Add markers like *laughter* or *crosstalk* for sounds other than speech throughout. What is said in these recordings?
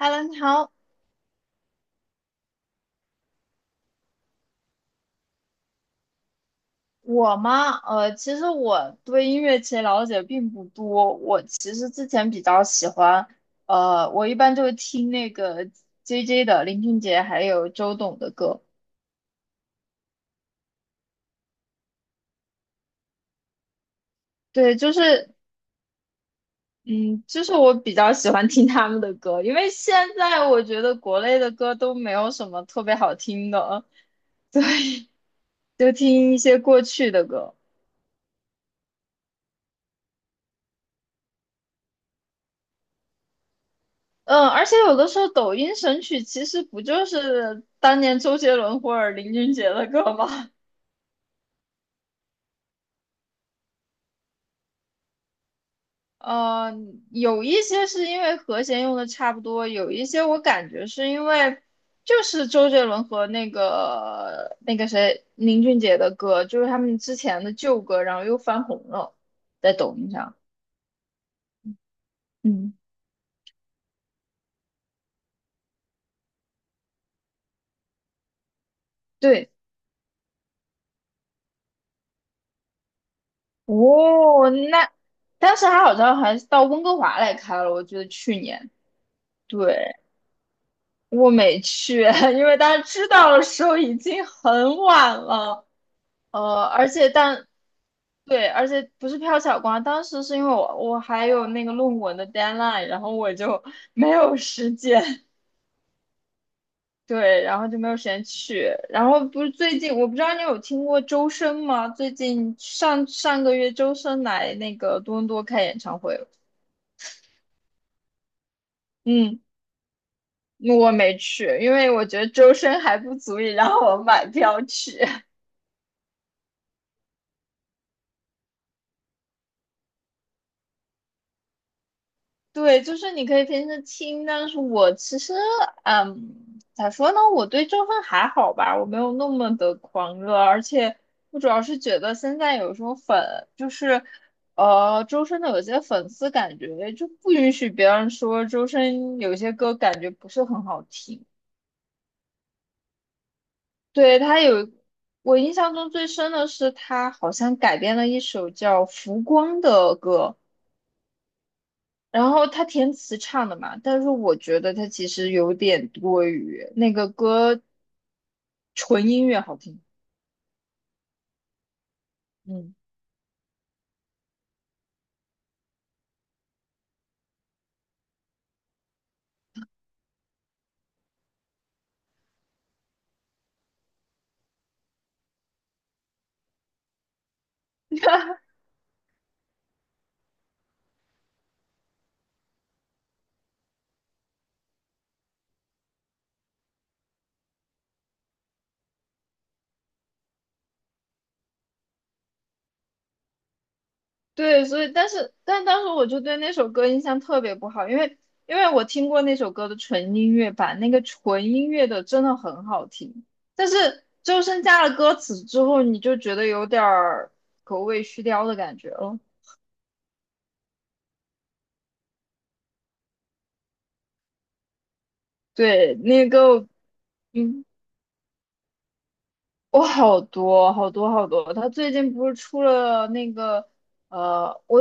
Hello，你好，我吗？其实我对音乐其实了解并不多。我其实之前比较喜欢，我一般就会听那个 JJ 的林俊杰还有周董的歌。对，就是，嗯，就是我比较喜欢听他们的歌，因为现在我觉得国内的歌都没有什么特别好听的，*laughs* 对，就听一些过去的歌。嗯，而且有的时候抖音神曲其实不就是当年周杰伦或者林俊杰的歌吗？嗯，有一些是因为和弦用的差不多，有一些我感觉是因为就是周杰伦和那个谁林俊杰的歌，就是他们之前的旧歌，然后又翻红了，在抖音上。嗯，对，哦，那当时他好像还到温哥华来开了，我记得去年。对，我没去，*laughs* 因为大家知道的时候已经很晚了，而且但对，而且不是瞟小光，当时是因为我还有那个论文的 deadline，然后我就 *laughs* 没有时间，对，然后就没有时间去。然后不是最近，我不知道你有听过周深吗？最近上上个月周深来那个多伦多开演唱会了，嗯，我没去，因为我觉得周深还不足以让我买票去。对，就是你可以平时听，但是我其实，咋说呢？我对周深还好吧，我没有那么的狂热，而且我主要是觉得现在有时候粉就是，周深的有些粉丝感觉就不允许别人说周深有些歌感觉不是很好听。对，他有，我印象中最深的是他好像改编了一首叫《浮光》的歌。然后他填词唱的嘛，但是我觉得他其实有点多余，那个歌纯音乐好听，嗯，对，所以但是当时我就对那首歌印象特别不好，因为我听过那首歌的纯音乐版，那个纯音乐的真的很好听，但是周深加了歌词之后，你就觉得有点儿狗尾续貂的感觉了，对，那个。嗯。我好多好多好多，他最近不是出了那个呃，我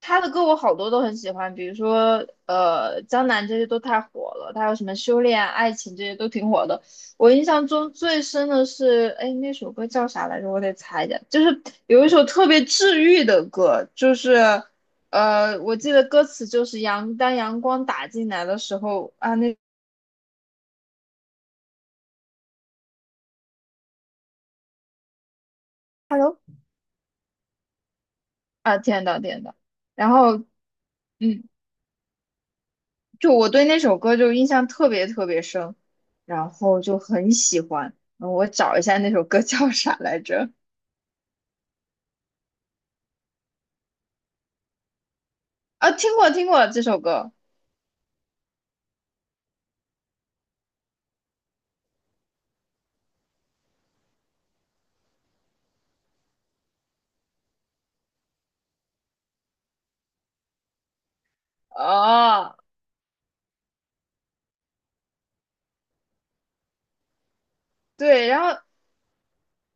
他的歌我好多都很喜欢，比如说《江南》这些都太火了，他有什么《修炼》《爱情》这些都挺火的。我印象中最深的是，哎，那首歌叫啥来着？我得猜一下。就是有一首特别治愈的歌，就是我记得歌词就是当阳光打进来的时候啊，那 Hello 啊，天呐天呐，然后。嗯。就我对那首歌就印象特别特别深，然后就很喜欢。嗯我找一下那首歌叫啥来着？啊，听过听过这首歌。哦，对，然后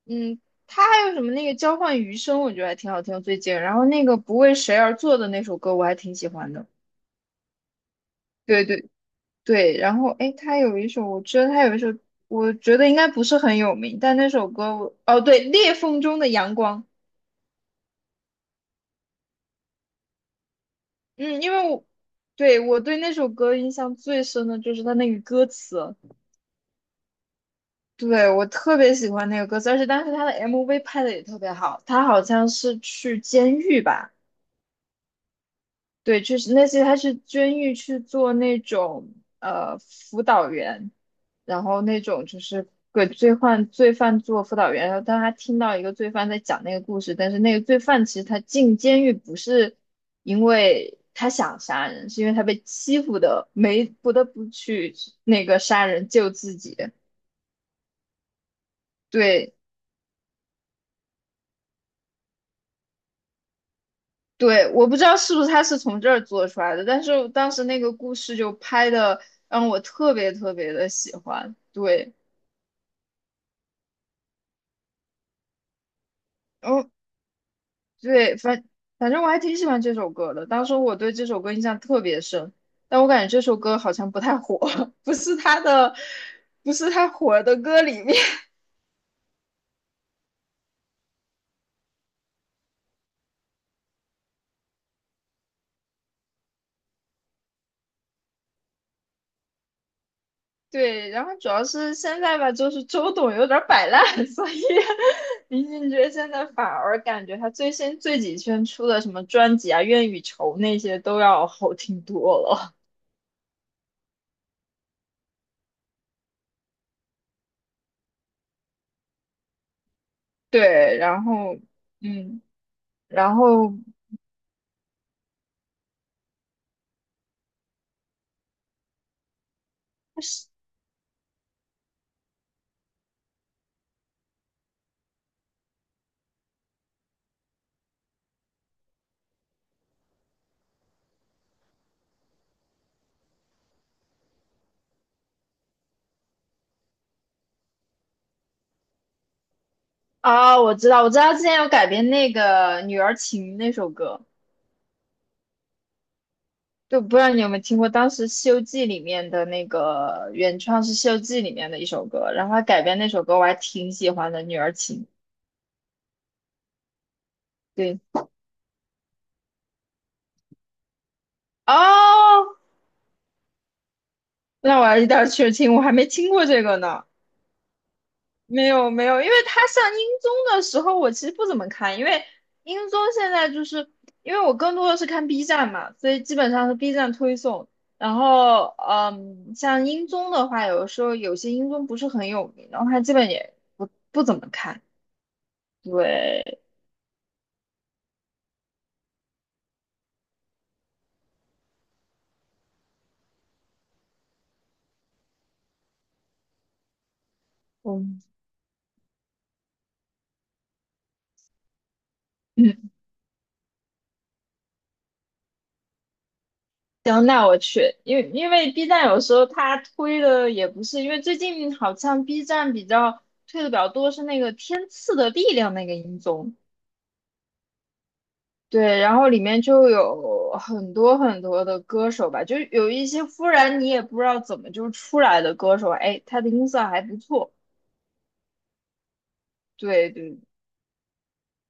嗯，他还有什么那个交换余生，我觉得还挺好听的最近。然后那个不为谁而作的那首歌，我还挺喜欢的。对对对，然后诶，他有一首，我觉得他有一首，我觉得应该不是很有名，但那首歌我，哦，对，裂缝中的阳光。嗯，因为我对那首歌印象最深的就是它那个歌词，对我特别喜欢那个歌词，而且当时它的 MV 拍的也特别好，它好像是去监狱吧，对，就是那些他是监狱去做那种辅导员，然后那种就是给罪犯做辅导员，然后当他听到一个罪犯在讲那个故事，但是那个罪犯其实他进监狱不是因为他想杀人，是因为他被欺负的，没不得不去那个杀人救自己。对对，我不知道是不是他是从这儿做出来的，但是当时那个故事就拍的让我特别特别的喜欢。对。哦，对，反正我还挺喜欢这首歌的。当时我对这首歌印象特别深，但我感觉这首歌好像不太火，*laughs* 不是他的，不是他火的歌里面。*laughs* 对，然后主要是现在吧，就是周董有点儿摆烂，*laughs* 所以林俊杰现在反而感觉他最新最几圈出的什么专辑啊，《愿与愁》那些都要好听多了。*laughs* 对，然后嗯。然后啊，我知道，我知道，之前有改编那个《女儿情》那首歌，就不知道你有没有听过。当时《西游记》里面的那个原创是《西游记》里面的一首歌，然后他改编那首歌，我还挺喜欢的，《女儿情》。对，哦，那我一定要去听，我还没听过这个呢。没有没有，因为他上英综的时候，我其实不怎么看，因为英综现在就是因为我更多的是看 B 站嘛，所以基本上是 B 站推送。然后，像英综的话，有的时候有些英综不是很有名，然后他基本也不怎么看。对，嗯嗯，行，那我去，因为B 站有时候它推的也不是，因为最近好像 B 站比较推的比较多是那个《天赐的力量》那个英综。对，然后里面就有很多很多的歌手吧，就有一些忽然你也不知道怎么就出来的歌手，哎，他的音色还不错，对对，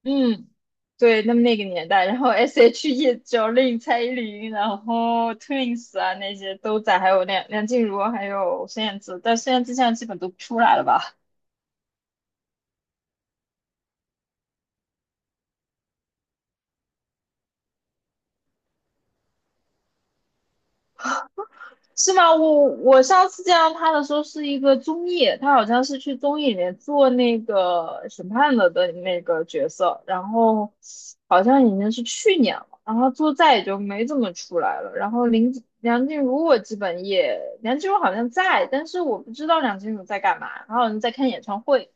嗯，对，他们那个年代，然后 S.H.E、Jolin、蔡依林，然后 Twins 啊那些都在，还有梁静茹，还有孙燕姿，但孙燕姿现在基本都不出来了吧？是吗？我上次见到他的时候是一个综艺，他好像是去综艺里面做那个审判的的那个角色，然后好像已经是去年了，然后做再也就没怎么出来了。然后梁静茹我基本也，梁静茹好像在，但是我不知道梁静茹在干嘛，她好像在看演唱会。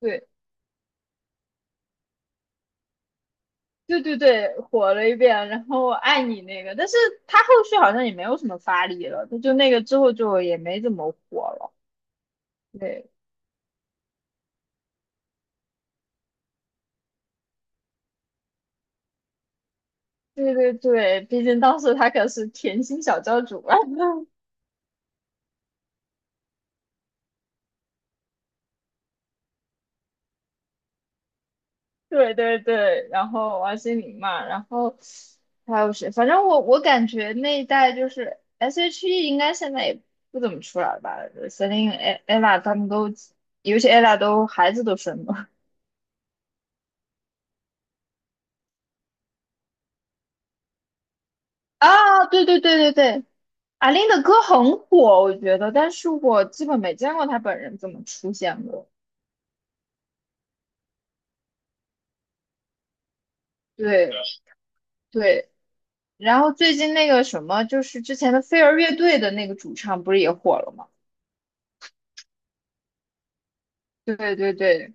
对对对对，火了一遍，然后爱你那个，但是他后续好像也没有什么发力了，她就那个之后就也没怎么火了。对。对对对，毕竟当时他可是甜心小教主啊。*laughs* 对对对，然后王心凌嘛，然后还有谁？反正我感觉那一代就是 S.H.E 应该现在也不怎么出来了吧？Selin、e ella 他们都，尤其 ella 都孩子都生了 *laughs* 啊！对对对对对，阿令的歌很火，我觉得，但是我基本没见过她本人怎么出现过。对对。然后最近那个什么，就是之前的飞儿乐队的那个主唱不是也火了吗？对对对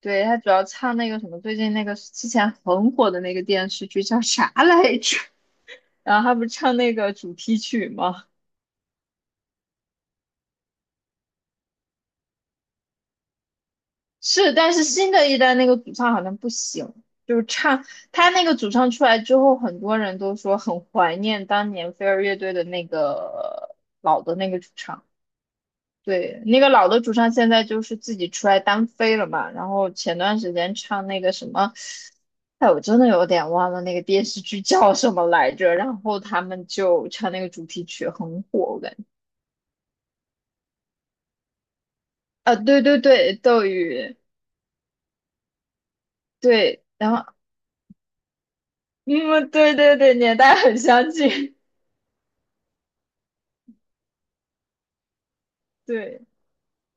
对，他主要唱那个什么，最近那个之前很火的那个电视剧叫啥来着？*laughs* 然后他不是唱那个主题曲吗？*laughs* 是，但是新的一代那个主唱好像不行，就是唱他那个主唱出来之后，很多人都说很怀念当年飞儿乐队的那个老的那个主唱。对，那个老的主唱现在就是自己出来单飞了嘛，然后前段时间唱那个什么，哎，我真的有点忘了那个电视剧叫什么来着，然后他们就唱那个主题曲很火，我感觉，啊，对对对，斗鱼，对，然后，嗯，对对对，年代很相近，*laughs* 对，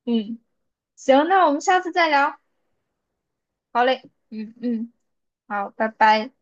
嗯，行，那我们下次再聊，好嘞，嗯嗯，好，拜拜。